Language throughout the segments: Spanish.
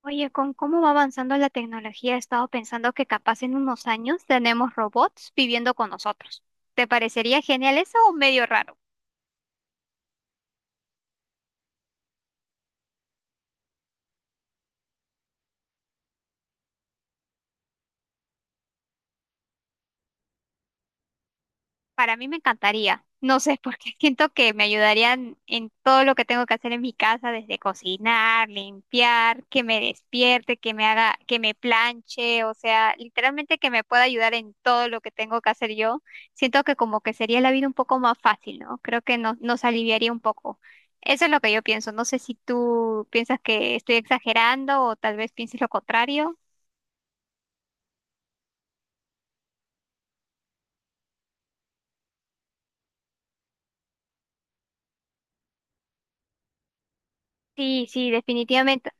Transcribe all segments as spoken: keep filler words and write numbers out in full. Oye, con cómo va avanzando la tecnología, he estado pensando que capaz en unos años tenemos robots viviendo con nosotros. ¿Te parecería genial eso o medio raro? Para mí me encantaría. No sé, porque siento que me ayudarían en todo lo que tengo que hacer en mi casa, desde cocinar, limpiar, que me despierte, que me haga, que me planche, o sea, literalmente que me pueda ayudar en todo lo que tengo que hacer yo. Siento que como que sería la vida un poco más fácil, ¿no? Creo que nos, nos aliviaría un poco. Eso es lo que yo pienso. No sé si tú piensas que estoy exagerando o tal vez pienses lo contrario. Sí, sí, definitivamente.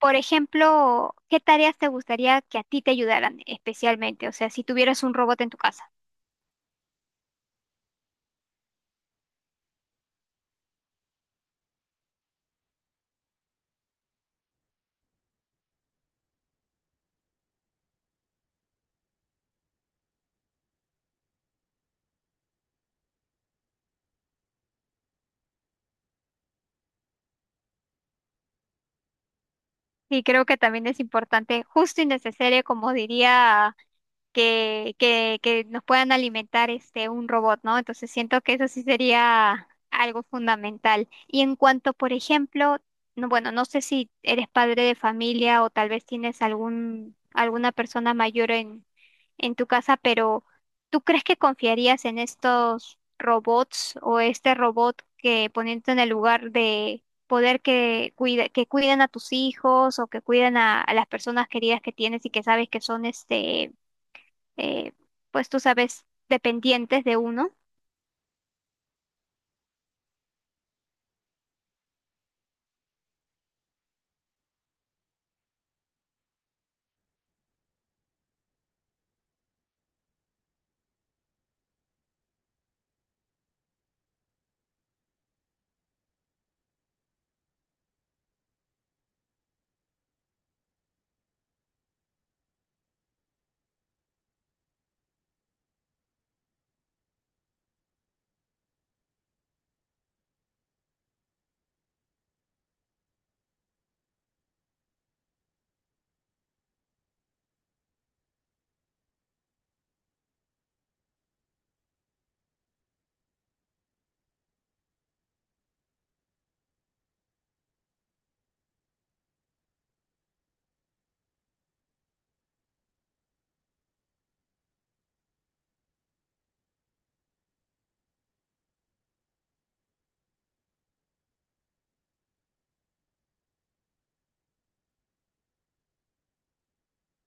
Por ejemplo, ¿qué tareas te gustaría que a ti te ayudaran especialmente? O sea, si tuvieras un robot en tu casa. Sí, creo que también es importante, justo y necesario, como diría. que, que, que nos puedan alimentar este un robot, ¿no? Entonces siento que eso sí sería algo fundamental. Y en cuanto, por ejemplo, no, bueno, no sé si eres padre de familia o tal vez tienes algún, alguna persona mayor en, en tu casa, pero ¿tú crees que confiarías en estos robots o este robot que poniéndote en el lugar de poder que cuida, que cuiden a tus hijos o que cuiden a, a las personas queridas que tienes y que sabes que son este eh, pues tú sabes, dependientes de uno.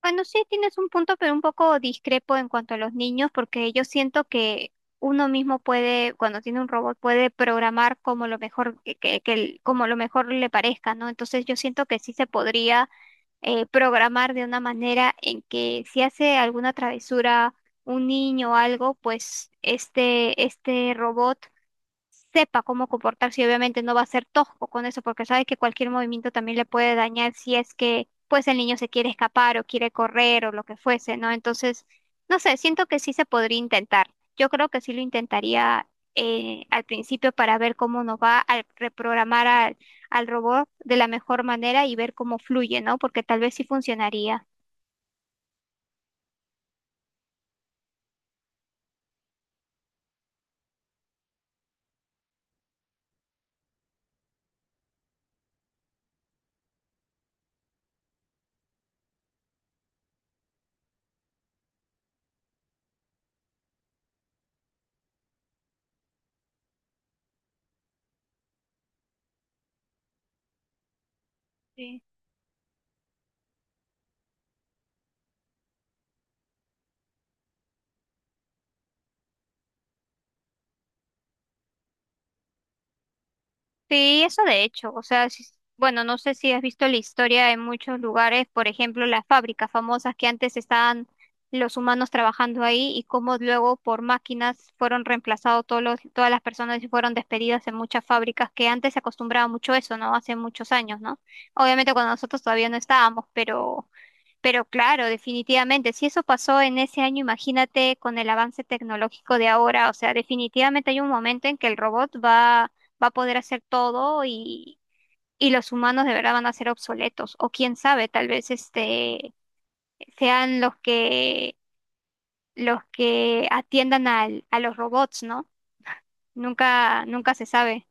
Bueno, sí tienes un punto, pero un poco discrepo en cuanto a los niños, porque yo siento que uno mismo puede, cuando tiene un robot, puede programar como lo mejor que, que- que el- como lo mejor le parezca, ¿no? Entonces yo siento que sí se podría eh, programar de una manera en que si hace alguna travesura un niño o algo, pues este, este robot sepa cómo comportarse y obviamente no va a ser tosco con eso porque sabe que cualquier movimiento también le puede dañar si es que pues el niño se quiere escapar o quiere correr o lo que fuese, ¿no? Entonces, no sé, siento que sí se podría intentar. Yo creo que sí lo intentaría eh, al principio para ver cómo nos va al reprogramar al, al robot de la mejor manera y ver cómo fluye, ¿no? Porque tal vez sí funcionaría. Sí. Sí, eso de hecho, o sea, si- bueno, no sé si has visto la historia en muchos lugares, por ejemplo, las fábricas famosas que antes estaban los humanos trabajando ahí y cómo luego por máquinas fueron reemplazados todos los, todas las personas y fueron despedidas en muchas fábricas que antes se acostumbraba mucho eso, ¿no? Hace muchos años, ¿no? Obviamente cuando nosotros todavía no estábamos, pero pero claro, definitivamente, si eso pasó en ese año, imagínate con el avance tecnológico de ahora, o sea, definitivamente hay un momento en que el robot va, va a poder hacer todo y, y los humanos de verdad van a ser obsoletos, o quién sabe, tal vez este sean los que los que atiendan al, a los robots, ¿no? Nunca, nunca se sabe.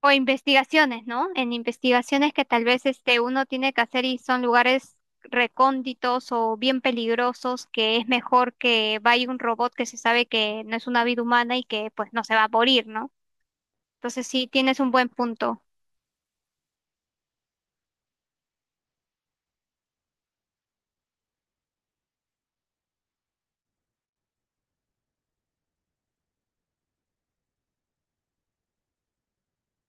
O investigaciones, ¿no? En investigaciones que tal vez este uno tiene que hacer y son lugares recónditos o bien peligrosos, que es mejor que vaya un robot que se sabe que no es una vida humana y que pues no se va a morir, ¿no? Entonces sí, tienes un buen punto.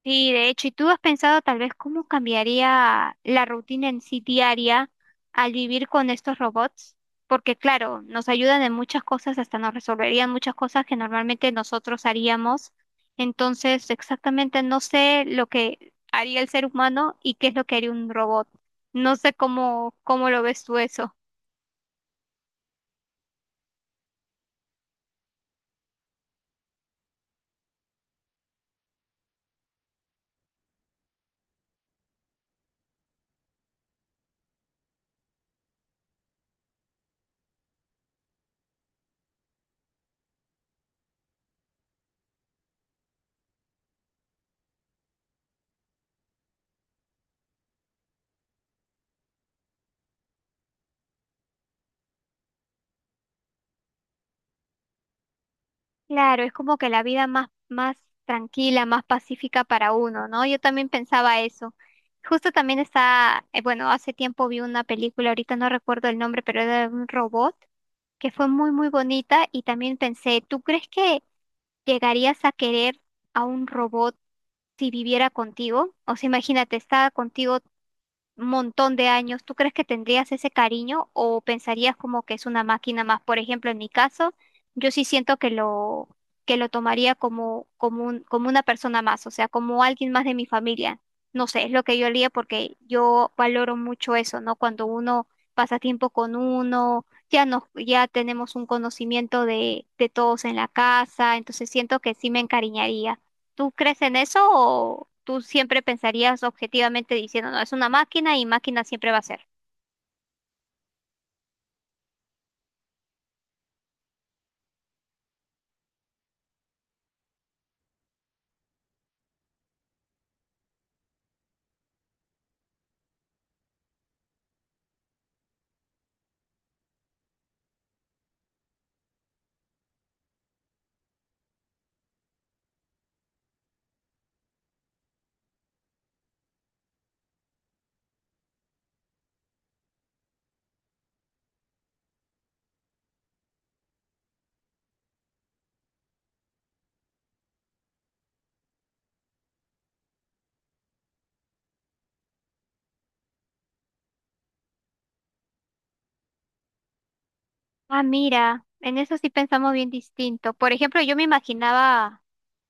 Sí, de hecho, ¿y tú has pensado tal vez cómo cambiaría la rutina en sí diaria al vivir con estos robots? Porque claro, nos ayudan en muchas cosas, hasta nos resolverían muchas cosas que normalmente nosotros haríamos. Entonces, exactamente no sé lo que haría el ser humano y qué es lo que haría un robot. No sé cómo, cómo lo ves tú eso. Claro, es como que la vida más, más tranquila, más pacífica para uno, ¿no? Yo también pensaba eso. Justo también está, eh, bueno, hace tiempo vi una película, ahorita no recuerdo el nombre, pero era de un robot que fue muy, muy bonita y también pensé, ¿tú crees que llegarías a querer a un robot si viviera contigo? O sea, imagínate, está contigo montón de años, ¿tú crees que tendrías ese cariño o pensarías como que es una máquina más? Por ejemplo, en mi caso, yo sí siento que lo, que lo tomaría como, como un- como una persona más, o sea, como alguien más de mi familia. No sé, es lo que yo haría porque yo valoro mucho eso, ¿no? Cuando uno pasa tiempo con uno, ya nos, ya tenemos un conocimiento de, de todos en la casa, entonces siento que sí me encariñaría. ¿Tú crees en eso o tú siempre pensarías objetivamente diciendo, no, es una máquina y máquina siempre va a ser? Ah, mira, en eso sí pensamos bien distinto. Por ejemplo, yo me imaginaba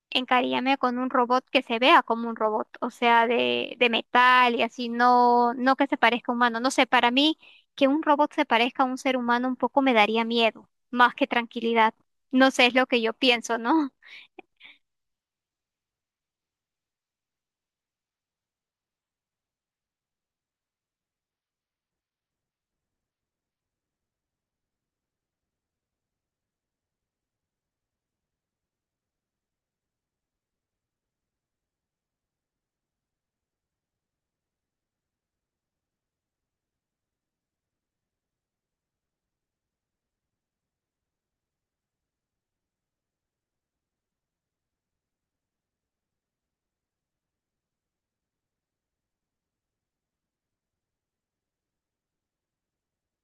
encariñarme con un robot que se vea como un robot, o sea, de, de metal y así, no, no que se parezca a humano. No sé, para mí que un robot se parezca a un ser humano un poco me daría miedo, más que tranquilidad. No sé, es lo que yo pienso, ¿no?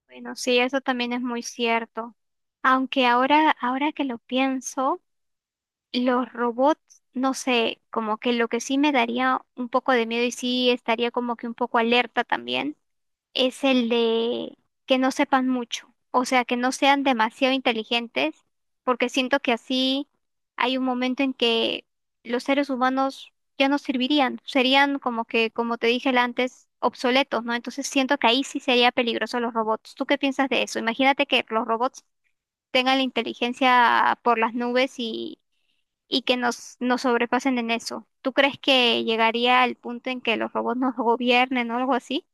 Bueno, sí, eso también es muy cierto. Aunque ahora, ahora que lo pienso, los robots, no sé, como que lo que sí me daría un poco de miedo y sí estaría como que un poco alerta también, es el de que no sepan mucho, o sea, que no sean demasiado inteligentes, porque siento que así hay un momento en que los seres humanos ya no servirían, serían como que, como te dije antes, obsoletos, ¿no? Entonces siento que ahí sí sería peligroso los robots. ¿Tú qué piensas de eso? Imagínate que los robots tengan la inteligencia por las nubes y que nos, nos sobrepasen en eso. ¿Tú crees que llegaría al punto en que los robots nos gobiernen o algo así?